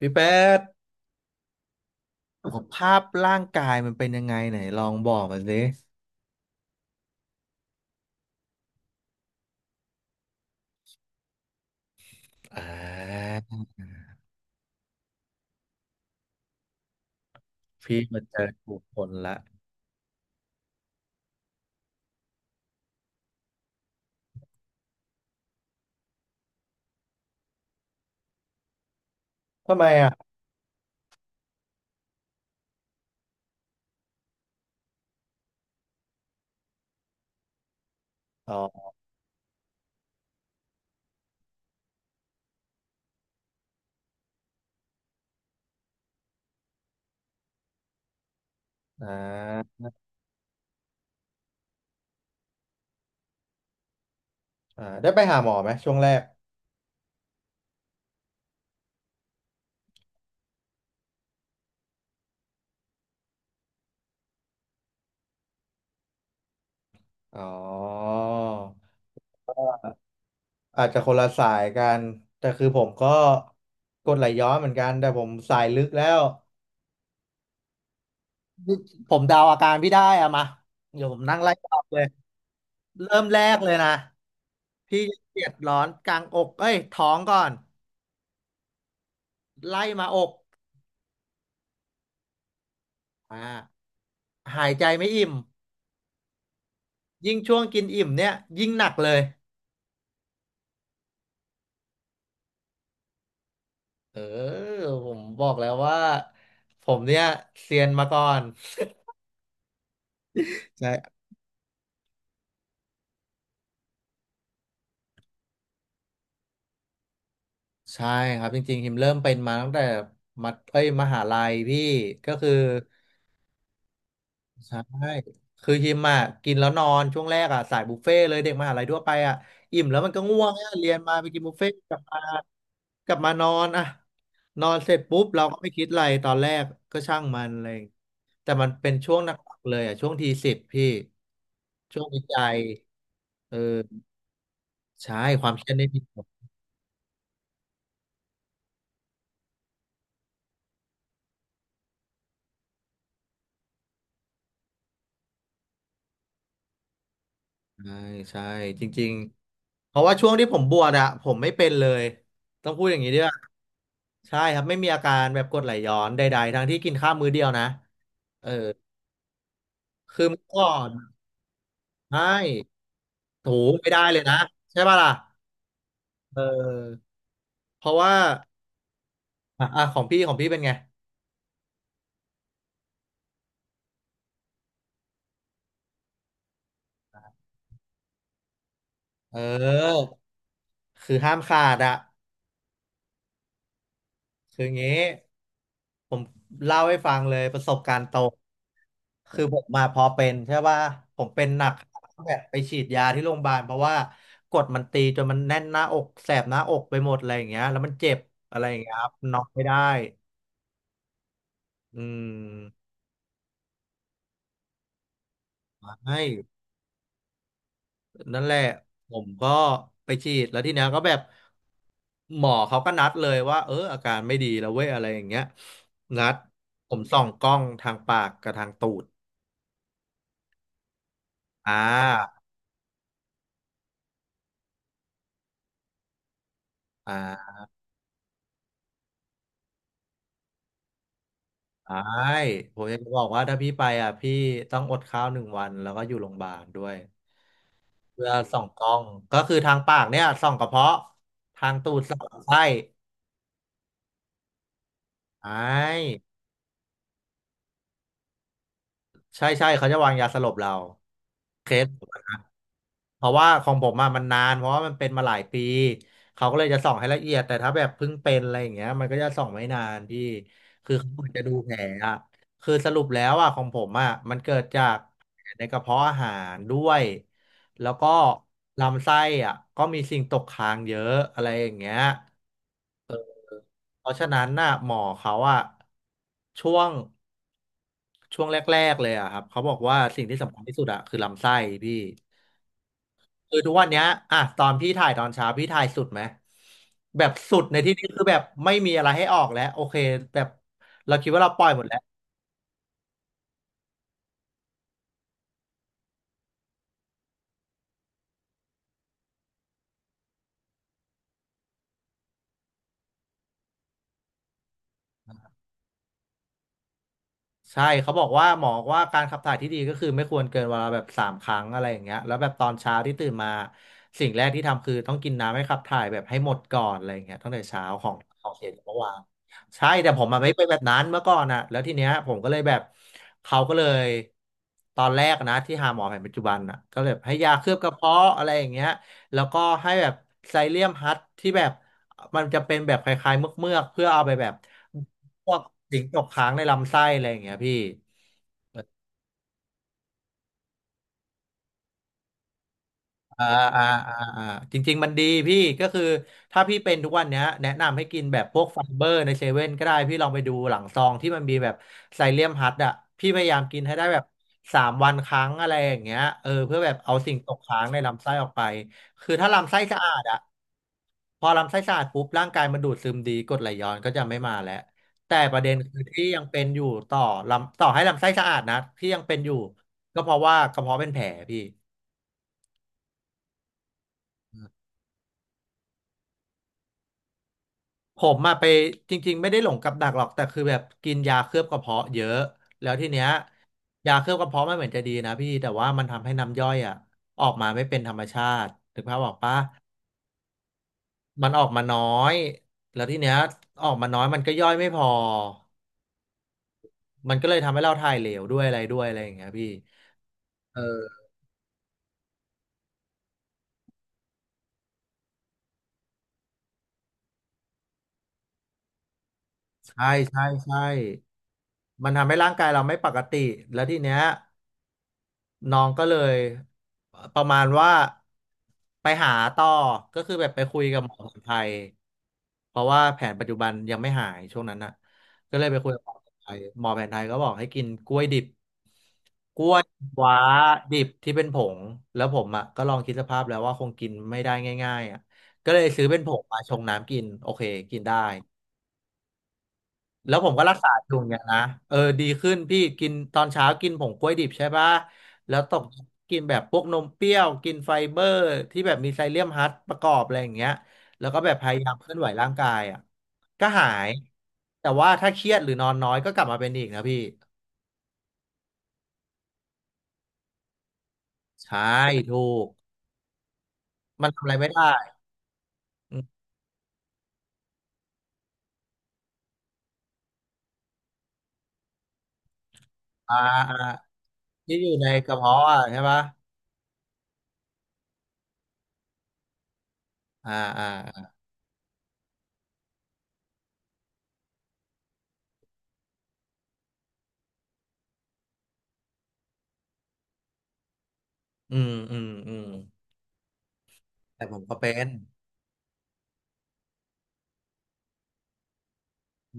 พี่แป๊ดสุขภาพร่างกายมันเป็นยังไงไหนลองบอกมาสิอ่าพี่มาเจอผู้คนละทำไมอ่ะอ๋ออ่าอ่าได้ไปหาหมอไหมช่วงแรกอ๋ออาจจะคนละสายกัน แต่คือผมก็กรดไหลย้อนเหมือนกัน แต่ผมสายลึกแล้ว ผมเดาอาการพี่ได้อะมาเดี๋ยวผมนั่งไล่ตอบเลย เริ่มแรกเลยนะพี่เจ็บร้อนกลางอกเอ้ยท้องก่อน ไล่มาอกอ่าหายใจไม่อิ่ม ยิ่งช่วงกินอิ่มเนี่ยยิ่งหนักเลย เออผมบอกแล้วว่าผมเนี่ยเซียนมาก่อน ใช่ใช่ครับจริงๆหิมเริ่มเป็นมาตั้งแต่มัธเอ้ยมหาลัยพี่ก็คือ ใช่คือฮิมอ่ะกินแล้วนอนช่วงแรกอ่ะสายบุฟเฟ่ต์เลยเด็กมหาลัยทั่วไปอ่ะอิ่มแล้วมันก็ง่วงอ่ะเรียนมาไปกินบุฟเฟ่ต์กลับมานอนอ่ะนอนเสร็จปุ๊บเราก็ไม่คิดอะไรตอนแรกก็ช่างมันเลยแต่มันเป็นช่วงหนักๆเลยอ่ะช่วงทีสิบพี่ช่วงวิจัยเออใช่ความเครียดนี่มีผลใช่ใช่จริงๆเพราะว่าช่วงที่ผมบวชอะผมไม่เป็นเลยต้องพูดอย่างนี้ด้วย ใช่ครับไม่มีอาการแบบกรดไหลย้อนใดๆทั้งที่กินข้าวมื้อเดียวนะเออคือเมื่อก่อนใช่ถูไม่ได้เลยนะใช่ป่ะล่ะเออเพราะว่าอ่ะอ่ะของพี่เป็นไงเออคือห้ามขาดอะคืองี้ผมเล่าให้ฟังเลยประสบการณ์ตรงคือผมมาพอเป็นใช่ป่ะผมเป็นหนักแบบไปฉีดยาที่โรงพยาบาลเพราะว่ากดมันตีจนมันแน่นหน้าอกแสบหน้าอกไปหมดอะไรอย่างเงี้ยแล้วมันเจ็บอะไรอย่างเงี้ยครับนอนไม่ได้ อืมให้นั่นแหละผมก็ไปฉีดแล้วทีเนี้ยก็แบบหมอเขาก็นัดเลยว่าเอออาการไม่ดีแล้วเว้ยอะไรอย่างเงี้ยนัดผมส่องกล้องทางปากกับทางตูดอ่าอ่าใช่ผมอยากจะบอกว่าถ้าพี่ไปอ่ะพี่ต้องอดข้าวหนึ่งวันแล้วก็อยู่โรงพยาบาลด้วยเพื่อส่องกล้องก็คือทางปากเนี่ยส่องกระเพาะทางตูดส่องลำไส้ใช่ใช่ใช่เขาจะวางยาสลบเราเคส เพราะว่าของผมอะมันนานเพราะว่ามันเป็นมาหลายปีเขาก็เลยจะส่องให้ละเอียดแต่ถ้าแบบเพิ่งเป็นอะไรอย่างเงี้ยมันก็จะส่องไม่นานพี่คือเขาเหมือนจะดูแผลอะคือสรุปแล้วอะของผมอะมันเกิดจากแผลในกระเพาะอาหารด้วยแล้วก็ลำไส้อะก็มีสิ่งตกค้างเยอะอะไรอย่างเงี้ยเพราะฉะนั้นน่ะหมอเขาอะช่วงช่วงแรกๆเลยอะครับเขาบอกว่าสิ่งที่สำคัญที่สุดอะคือลำไส้พี่ คือทุกวันเนี้ยอ่ะตอนพี่ถ่ายตอนเช้าพี่ถ่ายสุดไหมแบบสุดในที่นี้คือแบบไม่มีอะไรให้ออกแล้วโอเคแบบเราคิดว่าเราปล่อยหมดแล้ว ใช่เขาบอกว่าหมอว่าการขับถ่ายที่ดีก็คือไม่ควรเกินวันละแบบสามครั้งอะไรอย่างเงี้ยแล้วแบบตอนเช้าที่ตื่นมาสิ่งแรกที่ทำคือต้องกินน้ำให้ขับถ่ายแบบให้หมดก่อนอะไรอย่างเงี้ยตั้งแต่เช้าของเสียจากเมื่อวานใช่แต่ผมมาไม่เป็นแบบนั้นเมื่อก่อนอ่ะแล้วทีเนี้ยผมก็เลยแบบเขาก็เลยตอนแรกนะที่หาหมอแผนปัจจุบันอ่ะก็เลยให้ยาเคลือบกระเพาะอะไรอย่างเงี้ยแล้วก็ให้แบบไซเลียมฮัทที่แบบมันจะเป็นแบบคล้ายๆเมือกๆเพื่อเอาไปแบบ พวกสิงตกค้างในลำไส้อะไรอย่างเงี้ยพี่อ่าอ่าอ่าจริงๆมันดีพี่ก็คือถ้าพี่เป็นทุกวันเนี้ยแนะนำให้กินแบบพวกไฟเบอร์ในเซเว่นก็ได้พี่ลองไปดูหลังซองที่มันมีแบบไซเลียมฮัดอะพี่พยายามกินให้ได้แบบสามวันครั้งอะไรอย่างเงี้ยเออเพื่อแบบเอาสิ่งตกค้างในลำไส้ออกไปคือถ้าลำไส้สะอาดอะ พอลำไส้สะอาดปุ๊บร่างกายมันดูดซึมดีกรดไหลย้อนก็จะไม่มาแล้วแต่ประเด็นคือที่ยังเป็นอยู่ต่อลำต่อให้ลำไส้สะอาดนะที่ยังเป็นอยู่ก็เพราะว่ากระเพาะเป็นแผลพี่ผมมาไปจริงๆไม่ได้หลงกับดักหรอกแต่คือแบบกินยาเคลือบกระเพาะเยอะแล้วทีเนี้ยยาเคลือบกระเพาะมันเหมือนจะดีนะพี่แต่ว่ามันทำให้น้ำย่อยอ่ะออกมาไม่เป็นธรรมชาติถึงภาพออกปะมันออกมาน้อยแล้วทีเนี้ยออกมาน้อยมันก็ย่อยไม่พอมันก็เลยทำให้เราถ่ายเหลวด้วยอะไรด้วยอะไรอย่างเงี้ยพี่ เออใช่ใช่ใช่ มันทำให้ร่างกายเราไม่ปกติแล้วทีเนี้ยน้องก็เลยประมาณว่าไปหาต่อก็คือแบบไปคุยกับหมอสมุนไพรเพราะว่าแผนปัจจุบันยังไม่หายช่วงนั้นน่ะก็เลยไปคุยกับหมอแผนไทยหมอแผนไทยก็บอกให้กินกล้วยดิบกล้วยว้าดิบที่เป็นผงแล้วผมอ่ะก็ลองคิดสภาพแล้วว่าคงกินไม่ได้ง่ายๆอ่ะก็เลยซื้อเป็นผงมาชงน้ำกินโอเคกินได้ แล้วผมก็รักษาอยู่อย่างเงี้ยนะเออดีขึ้นพี่กินตอนเช้ากินผงกล้วยดิบใช่ปะแล้วตกกินแบบพวกนมเปรี้ยวกินไฟเบอร์ที่แบบมีไซเลียมฮัสประกอบอะไรอย่างเงี้ยแล้วก็แบบพยายามเคลื่อนไหวร่างกายอ่ะก็หายแต่ว่าถ้าเครียดหรือนอนน้อยก็กลับมาเป็นอีกนะพี่ใช่ถูกมันทำอะไรไม่ได้อืมอ่าอ่าที่อยู่ในกระเพาะอะใช่ปะอ่าอ่าออืมอืมอืมแต่ผมก็เป็น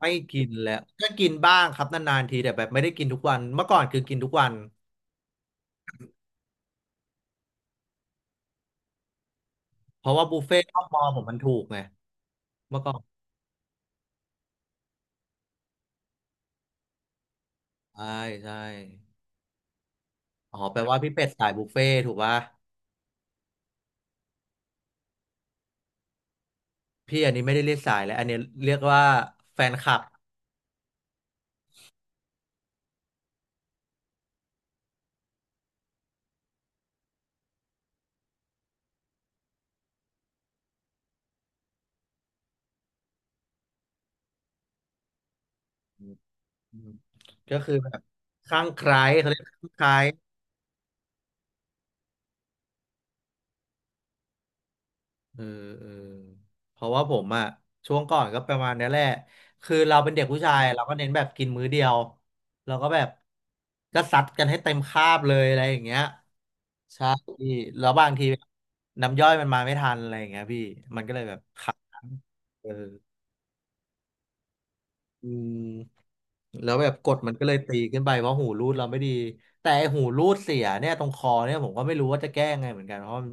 ไม่กินแล้วก็กินบ้างครับนานๆทีแต่แบบไม่ได้กินทุกวันเมื่อก่อนคือกินทุกวันเพราะว่าบุฟเฟ่ต์รอบมอผมมันถูกไงเมื่อก่อนใช่ใช่อ๋อแปลว่าพี่เป็ดสายบุฟเฟ่ต์ถูกป่ะพี่อันนี้ไม่ได้เรียกสายแล้วอันนี้เรียกว่าแฟนคลับอืมก็คือแบบข้างใครเขาเรียกข้างใคร เออเออเพราะว่าผมอะช่วงก่อนก็ประมาณนี้แหละคือเราเป็นเด็กผู้ชายเราก็เน้นแบบกินมื้อเดียวเราก็แบบก็ซัดกันให้เต็มคาบเลยอะไรอย่างเงี้ยใช่แล้วบางทีน้ำย่อยมันมาไม่ทันอะไรอย่างเงี้ยพี่มันก็เลยแบบขังเอออืมแล้วแบบกดมันก็เลยตีขึ้นไปเพราะหูรูดเราไม่ดีแต่ไอ้หูรูดเสียเนี่ยตรงคอเนี่ยผมก็ไม่รู้ว่าจะแก้ไงเหมือนกันเพราะมัน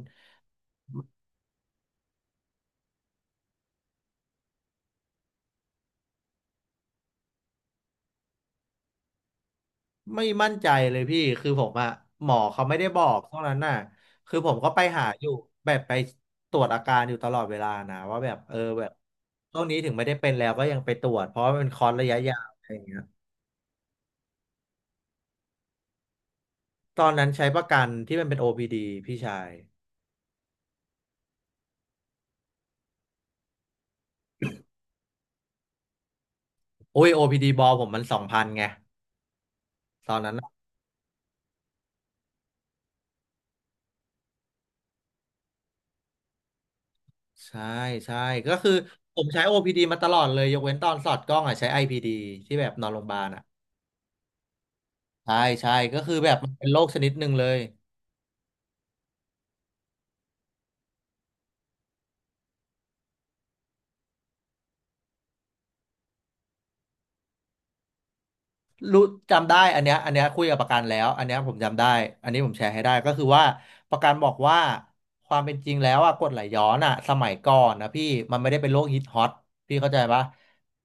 ไม่มั่นใจเลยพี่คือผมอะหมอเขาไม่ได้บอกเท่านั้นน่ะคือผมก็ไปหาอยู่แบบไปตรวจอาการอยู่ตลอดเวลานะว่าแบบเออแบบช่วงนี้ถึงไม่ได้เป็นแล้วก็ยังไปตรวจเพราะว่ามันเป็นคอร์สระยะยาวอะไรอย่างเงี้ยตอนนั้นใช้ประกันที่มันเป็น OPD พีดีพี่ชายโอ้ย OPD บอลผมมัน2,000ไงตอนนั้นน่ะใช่ใช่ก็คือผมใช้ OPD มาตลอดเลยยกเว้นตอนสอดกล้องอะใช้ IPD ที่แบบนอนโรงพยาบาลอะใช่ใช่ก็คือแบบมันเป็นโรคชนิดหนึ่งเลย รู้จำได้อันเนี้ยอันเนี้ยคุยกับประกันแล้วอันเนี้ยผมจำได้อันนี้ผมแชร์ให้ได้ก็คือว่าประกันบอกว่าความเป็นจริงแล้วอะกรดไหลย้อนอะสมัยก่อนนะพี่มันไม่ได้เป็นโรคฮิตฮอตพี่เข้าใจปะ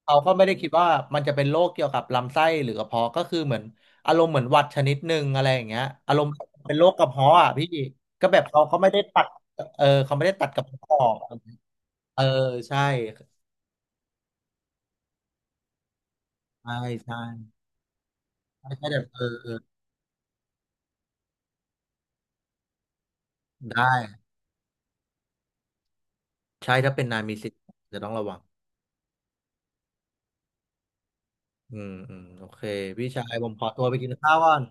เขาก็ไม่ได้คิดว่ามันจะเป็นโรคเกี่ยวกับลำไส้หรือกระเพาะก็คือเหมือนอารมณ์เหมือนหวัดชนิดหนึ่งอะไรอย่างเงี้ยอารมณ์เป็นโรคกระเพาะอะพี่ก็แบบเขาไม่ได้ตัดเออเขาไม่ได้ตัดกระเพาะออกเออใช่ใช่ใช่ใช่ใช่แบบเออเออได้ใช่ถ้าเป็นนายมีสิทธิ์จะต้องระวัง อืมอืมโอเคพี่ชายผมขอตัวไปกินข้าวก่อน